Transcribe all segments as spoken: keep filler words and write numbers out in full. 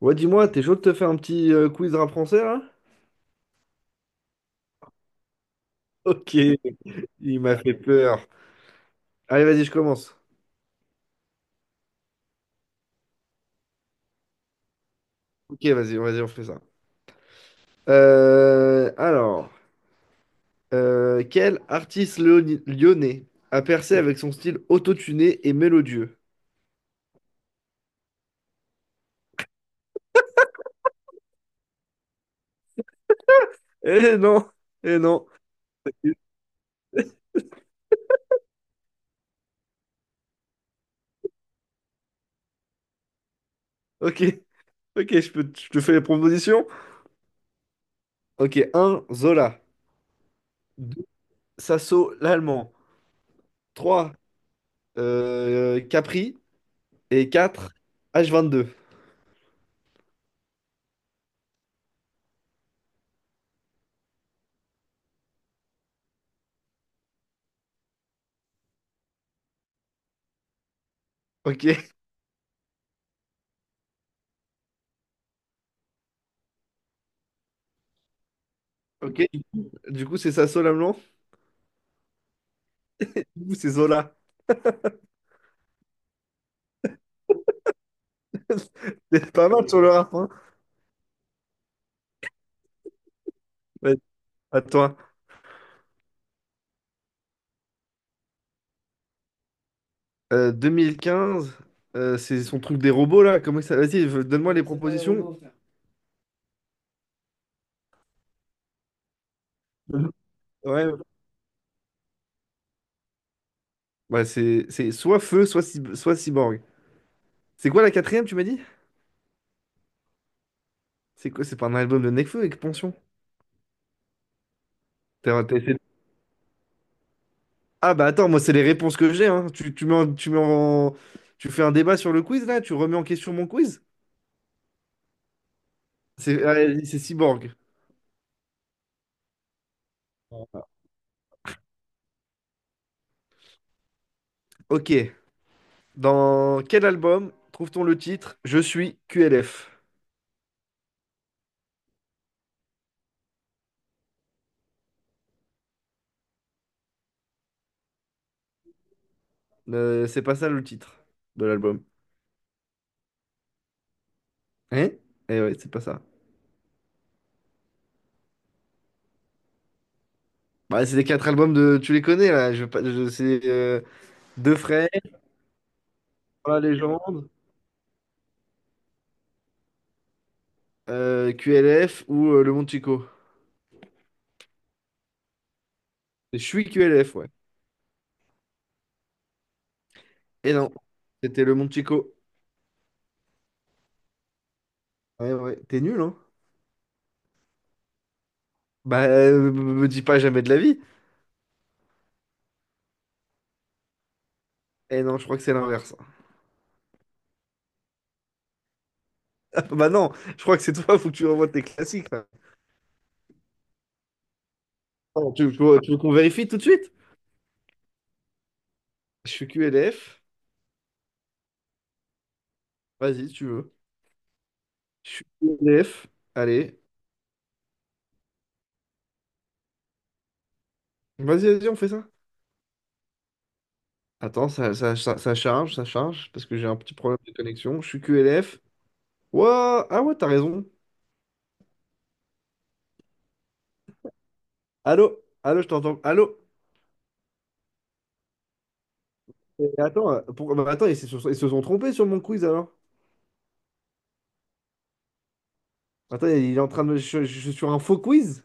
Ouais, dis-moi, t'es chaud de te faire un petit euh, quiz rap français là? Ok, il m'a fait peur. Allez, vas-y, je commence. Ok, vas-y, vas-y, on fait ça. Euh, alors, euh, Quel artiste léoni- lyonnais a percé avec son style autotuné et mélodieux? Eh non, eh non. Ok, ok, je peux, je te fais les propositions. Ok, un, Zola. Deux, Sasso, l'allemand. trois, Capri. Et quatre, H vingt-deux. Ok, ok. Du coup, c'est Sasso, l'allemand? Ouh, c'est Zola. C'est pas mal sur le rap, hein. Ouais, à toi. Euh, vingt quinze, euh, c'est son truc des robots, là. Comment ça... Vas-y, v- donne-moi les propositions. Ouais, ouais, c'est c'est soit Feu, soit, Cyb- soit Cyborg. C'est quoi la quatrième, tu m'as dit? C'est quoi? C'est pas un album de Nekfeu avec Pension? T'as- t'as essayé... Ah bah attends, moi, c'est les réponses que j'ai, hein. Tu, tu mets en- tu mets en- tu fais un débat sur le quiz, là? Tu remets en question mon quiz? C'est ouais, c'est Cyborg. Ok. Dans quel album trouve-t-on le titre Je suis Q L F? Euh, c'est pas ça le titre de l'album. Hein? Eh ouais, c'est pas ça. Bah, c'est les quatre albums de. Tu les connais là. Je, veux pas- je, C'est euh, Deux Frères, La Légende, euh, Q L F ou euh, Le Monde Chico. Je suis Q L F, ouais. Et non, c'était Le Monde Chico. Ouais, ouais. T'es nul, hein? Bah, euh, me dis pas jamais de la vie. Et non, je crois que c'est l'inverse. Bah non, je crois que c'est toi, faut que tu revoies tes classiques là. Non, tu, tu veux tu veux qu'on vérifie tout de suite? Je suis Q L F. Vas-y, si tu veux. Je suis Q L F. Allez. Vas-y, vas-y, on fait ça. Attends, ça, ça, ça, ça charge, ça charge, parce que j'ai un petit problème de connexion. Je suis Q L F. Ouah, ah ouais, t'as raison. Allô? Allô, je t'entends. Allô? Et attends, euh, pour- bah attends, ils se sont, ils se sont trompés sur mon quiz alors. Attends, il est en train de me. Je, je suis sur un faux quiz?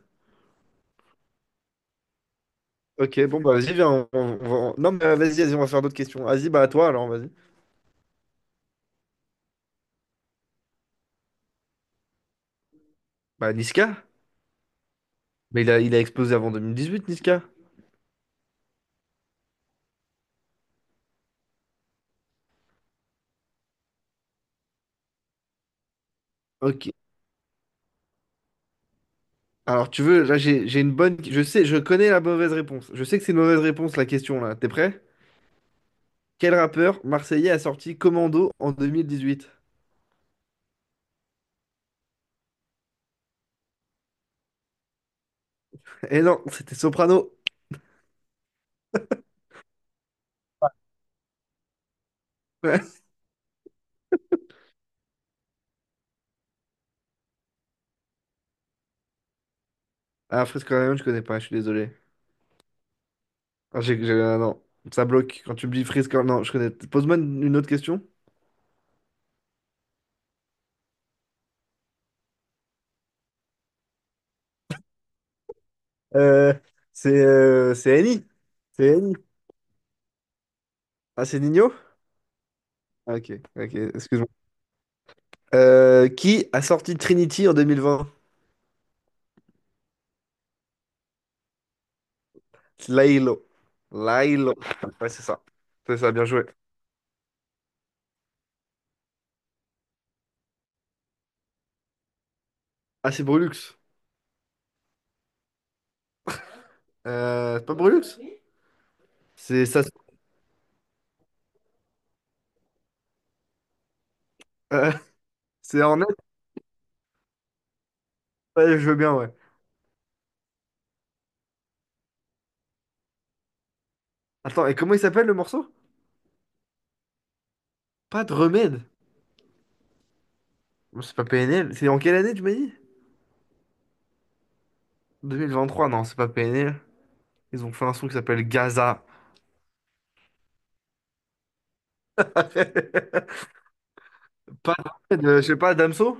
Ok, bon, bah vas-y, viens. on- on- on- Non, mais euh, vas-y, vas-y, on va faire d'autres questions. Vas-y, bah à toi alors, vas-y. Bah Niska? Mais il a, il a explosé avant vingt dix-huit, Niska. Ok. Alors tu veux, là j'ai j'ai une bonne. Je sais, je connais la mauvaise réponse. Je sais que c'est une mauvaise réponse la question là. T'es prêt? Quel rappeur marseillais a sorti Commando en deux mille dix-huit? Eh non, c'était Soprano. Ouais. Ah, Freeze Corleone, je connais pas, je suis désolé. Ah, j'ai- j'ai- ah, non, ça bloque quand tu me dis Freeze. Non, je connais. Pose-moi une une autre question. Euh, c'est euh, c'est Eni. C'est Eni. Ah, c'est Nino? Ah, ok, ok, excuse-moi. Euh, qui a sorti Trinity en deux mille vingt? Lailo. Lailo. Ouais, c'est ça. C'est ça, bien joué. Ah, c'est Brulux. Euh, c'est pas Brulux? C'est ça. euh, c'est Hornet? Ouais, je veux bien, ouais. Attends, et comment il s'appelle le morceau? Pas de remède. Non, c'est pas P N L. C'est en quelle année, tu m'as dit? deux mille vingt-trois, non, c'est pas P N L. Ils ont fait un son qui s'appelle Gaza. Pas de remède, euh, je sais pas, Damso?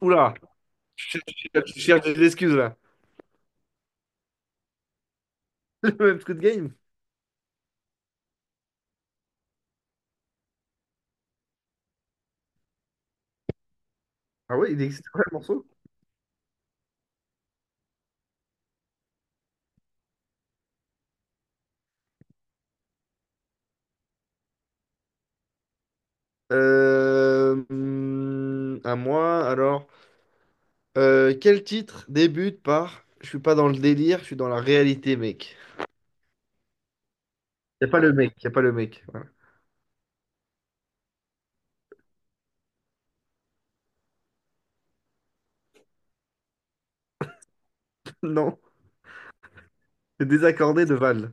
Oula, tu cherches tu cherches des excuses là. Le même truc de game. Ah ouais, il existe quoi le morceau? Euh, hum, à moi, alors. Euh, quel titre débute par Je suis pas dans le délire, je suis dans la réalité, mec. Y a pas le mec, y a pas le mec. Voilà. Non, c'est désaccordé de Val.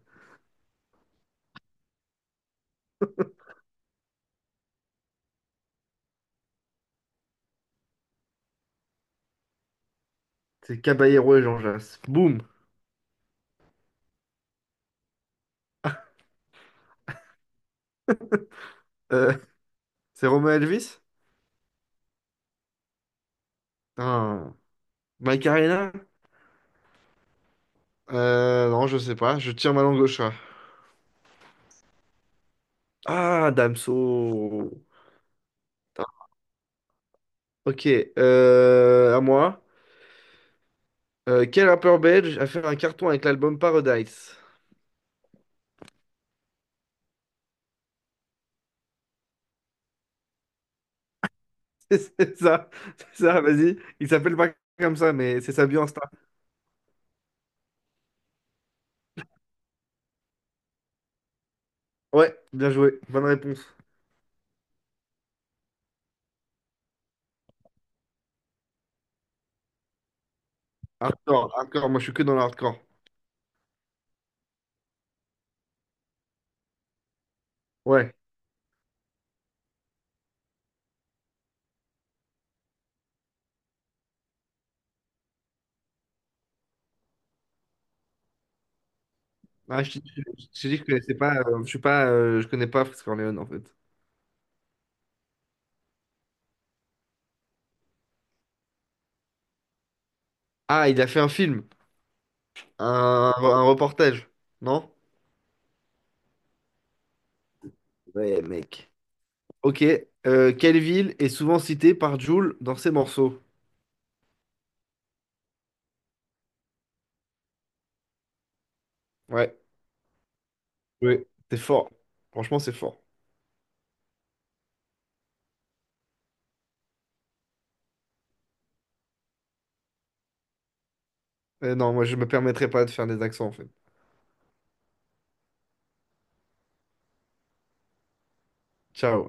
C'est Caballero et Jean Jass. Boum. Euh, c'est Romain Elvis? Ah. Mike Arena? Euh, non, je sais pas. Je tire ma langue au chat. Ah, Damso. Putain. Ok. Euh, à moi. Euh, quel rappeur belge a fait un carton avec l'album Paradise? C'est ça. C'est ça, vas-y. Il s'appelle pas comme ça, mais c'est sa bio Insta. Ouais, bien joué. Bonne réponse. Hardcore, hardcore. Moi, je suis que dans l'hardcore. Ouais. Ah, je t'ai je t'ai dit que je connaissais pas. Euh, je suis pas. Euh, je connais pas Fritz Corleone, en fait. Ah, il a fait un film, un, un reportage, non? Ouais, mec. Ok. Euh, quelle ville est souvent citée par Jul dans ses morceaux? Ouais, oui, c'est fort. Franchement, c'est fort. Euh, non, moi, je me permettrai pas de faire des accents, en fait. Ciao.